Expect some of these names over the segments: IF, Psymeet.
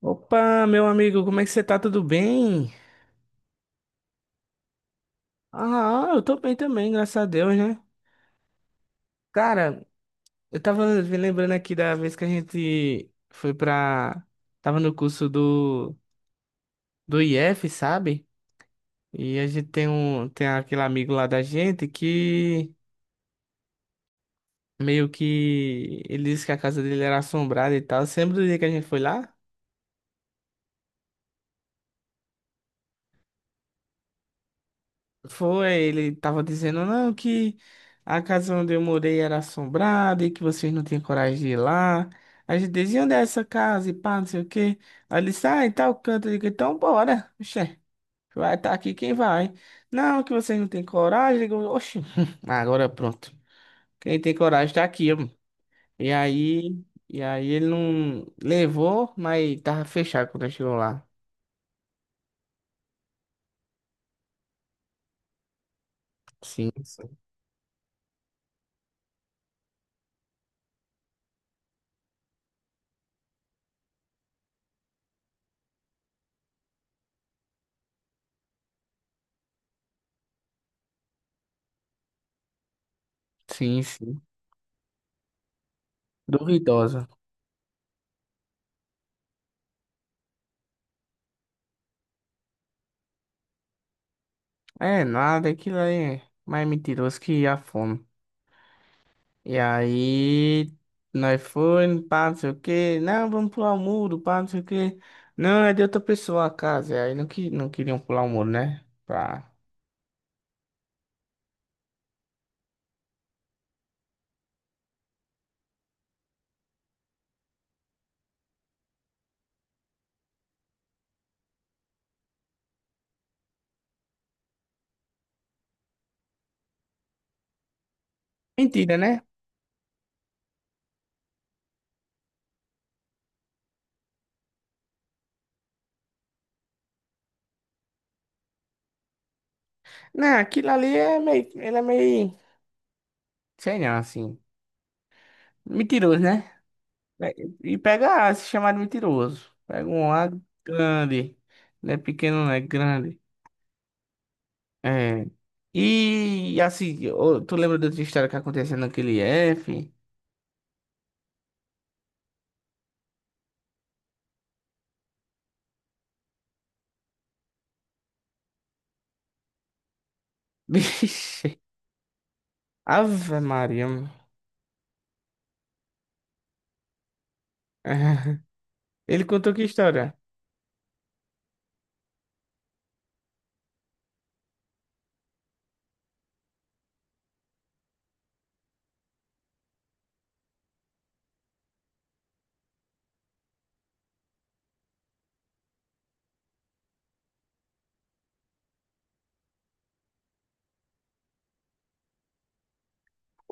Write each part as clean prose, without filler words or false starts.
Opa, meu amigo, como é que você tá? Tudo bem? Ah, eu tô bem também, graças a Deus, né? Cara, eu tava me lembrando aqui da vez que a gente foi pra. Tava no curso do IF, sabe? E a gente tem um. Tem aquele amigo lá da gente que meio que ele disse que a casa dele era assombrada e tal. Você lembra do dia que a gente foi lá? Foi, ele tava dizendo, não, que a casa onde eu morei era assombrada e que vocês não tinham coragem de ir lá. A gente dizia, onde é essa casa e pá, não sei o quê. Aí ele disse, ah, em tal canto. Eu digo, então bora, oxê, vai estar aqui quem vai. Não, que vocês não têm coragem. Eu digo, oxi, agora pronto. Quem tem coragem tá aqui, homem. E aí, e aí, ele não levou, mas tava fechado quando eu chegou lá. Sim, sim, sim, sim. Duvidosa. É nada, aquilo aí é mais mentiroso que a fome. E aí, nós foi, pá, não sei o quê. Não, vamos pular o muro, pá, não sei o quê. Não, é de outra pessoa a casa. E aí não, que, não queriam pular o muro, né? Pá. Mentira, né? Não, aquilo ali é meio. Ele é meio. Sei não, assim. Mentiroso, né? É. E pega A, se chamar de mentiroso. Pega um A grande. Não é pequeno, não é grande. É. E assim, ô, tu lembra da outra história que aconteceu naquele F? Vixe. Ave Maria. mano. É. Ele contou que história?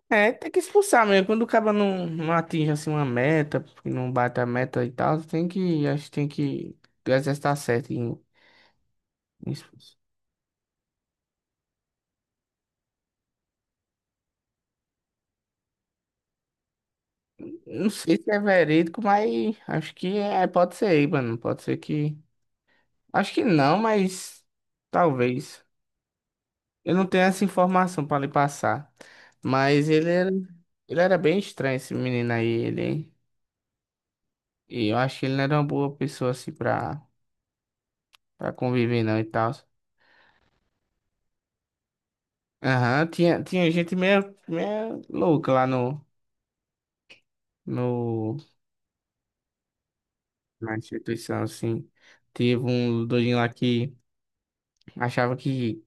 É, tem que expulsar mesmo. Quando o cara não, não atinge assim uma meta, porque não bate a meta e tal, tem que, acho que tem que, o exército tá certo em, em expulsar. Não sei se é verídico, mas acho que é, pode ser aí, mano. Pode ser que, acho que não, mas talvez. Eu não tenho essa informação pra lhe passar. Mas ele era bem estranho, esse menino aí, ele. Hein. E eu acho que ele não era uma boa pessoa assim pra, pra conviver, não e tal. Aham, tinha, tinha gente meio, meio louca lá no, no, na instituição, assim. Teve um doidinho lá que achava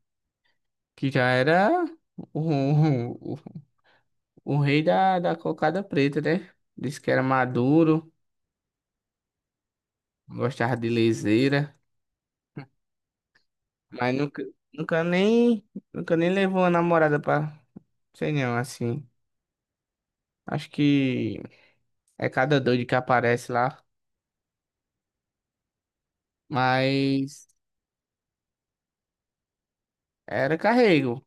que já era o, o, o rei da, da cocada preta, né? Disse que era maduro, gostava de leseira. Mas nunca, nunca nem, nunca nem levou uma namorada pra, sei não, assim. Acho que é cada doido que aparece lá. Mas era carrego.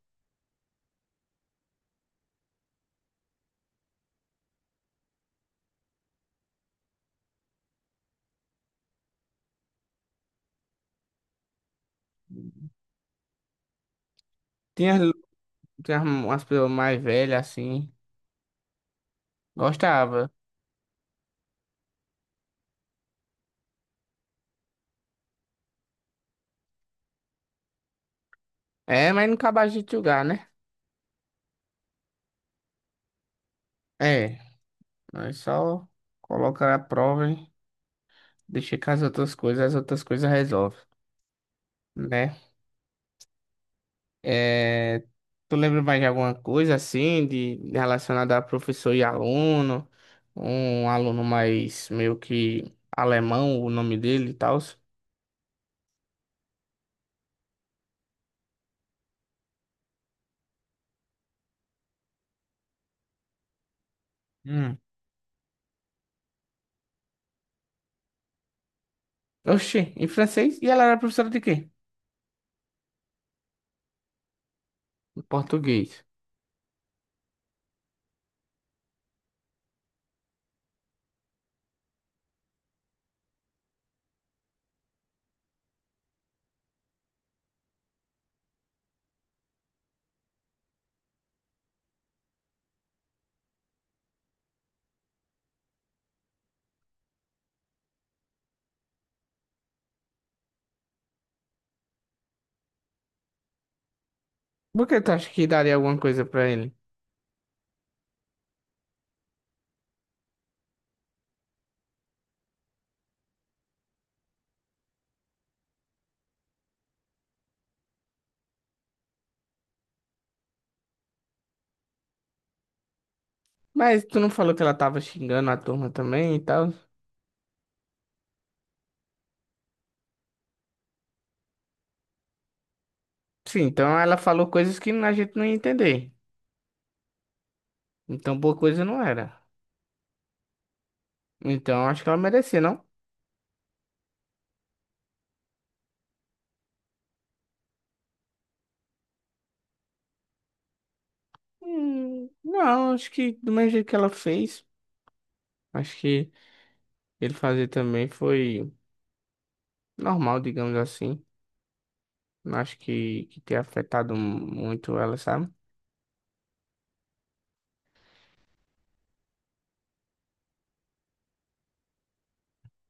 Tinha, tinha umas pessoas mais velhas, assim. Gostava. É, mas não acabava de julgar, né? É, nós só colocar a prova, hein? Deixa com as outras coisas resolvem, né? É, tu lembra mais de alguma coisa assim, de relacionada a professor e aluno? Um aluno mais meio que alemão, o nome dele e tal. Hum. Oxi, em francês? E ela era professora de quê? Em português. Por que tu acha que daria alguma coisa pra ele? Mas tu não falou que ela tava xingando a turma também e tal? Sim, então ela falou coisas que a gente não ia entender. Então boa coisa não era. Então acho que ela merecia, não? Não, acho que do mesmo jeito que ela fez. Acho que ele fazer também foi normal, digamos assim. Não acho que tenha afetado muito ela, sabe?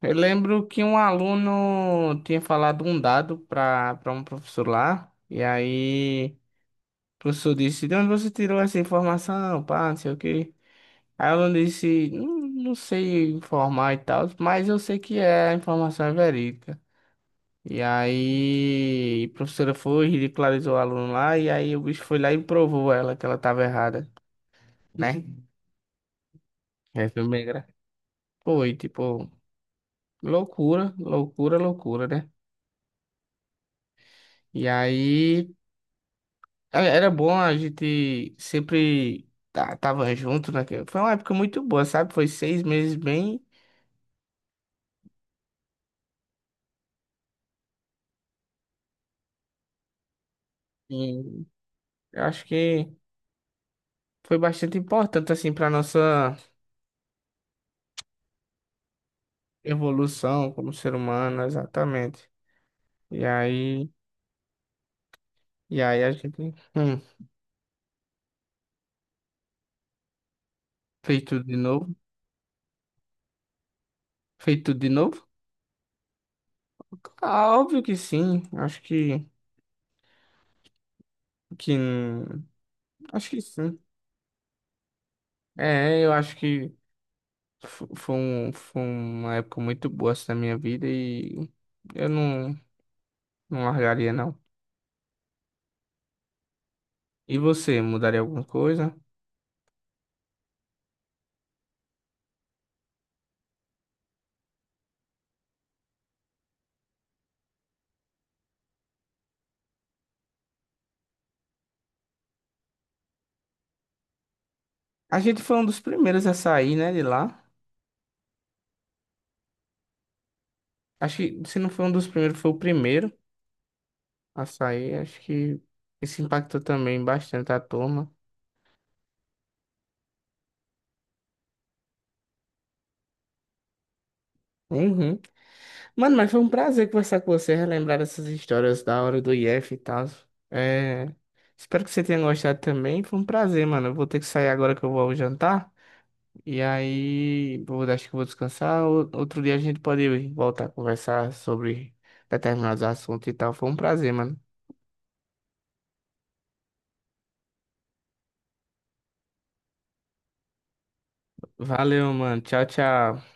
Eu lembro que um aluno tinha falado um dado para um professor lá, e aí o professor disse, de onde você tirou essa informação, pá, não sei o quê. Aí o aluno disse, não, não sei informar e tal, mas eu sei que é, a informação é verídica. E aí a professora foi, ridicularizou o aluno lá, e aí o bicho foi lá e provou ela que ela estava errada. Né? É filme bem gra- Foi, tipo, loucura, loucura, loucura, né? E aí, é- era bom a gente sempre tá- tava junto, né? Que foi uma época muito boa, sabe? Foi seis meses bem... E eu acho que foi bastante importante, assim, pra nossa evolução como ser humano, exatamente. E aí, a gente fez tudo de novo. Fez tudo de novo? Ah, óbvio que sim. Acho que... Acho que sim. É, eu acho que fo- foi, um, foi uma época muito boa assim, na minha vida e eu não, não largaria, não. E você, mudaria alguma coisa? A gente foi um dos primeiros a sair, né, de lá. Acho que se não foi um dos primeiros, foi o primeiro a sair. Acho que isso impactou também bastante a turma. Uhum. Mano, mas foi um prazer conversar com você, relembrar essas histórias da hora do IF e tal. É... Espero que você tenha gostado também. Foi um prazer, mano. Eu vou ter que sair agora que eu vou ao jantar. E aí, vou, acho que vou descansar. Ou- Outro dia a gente pode voltar a conversar sobre determinados assuntos e tal. Foi um prazer, mano. Valeu, mano. Tchau, tchau.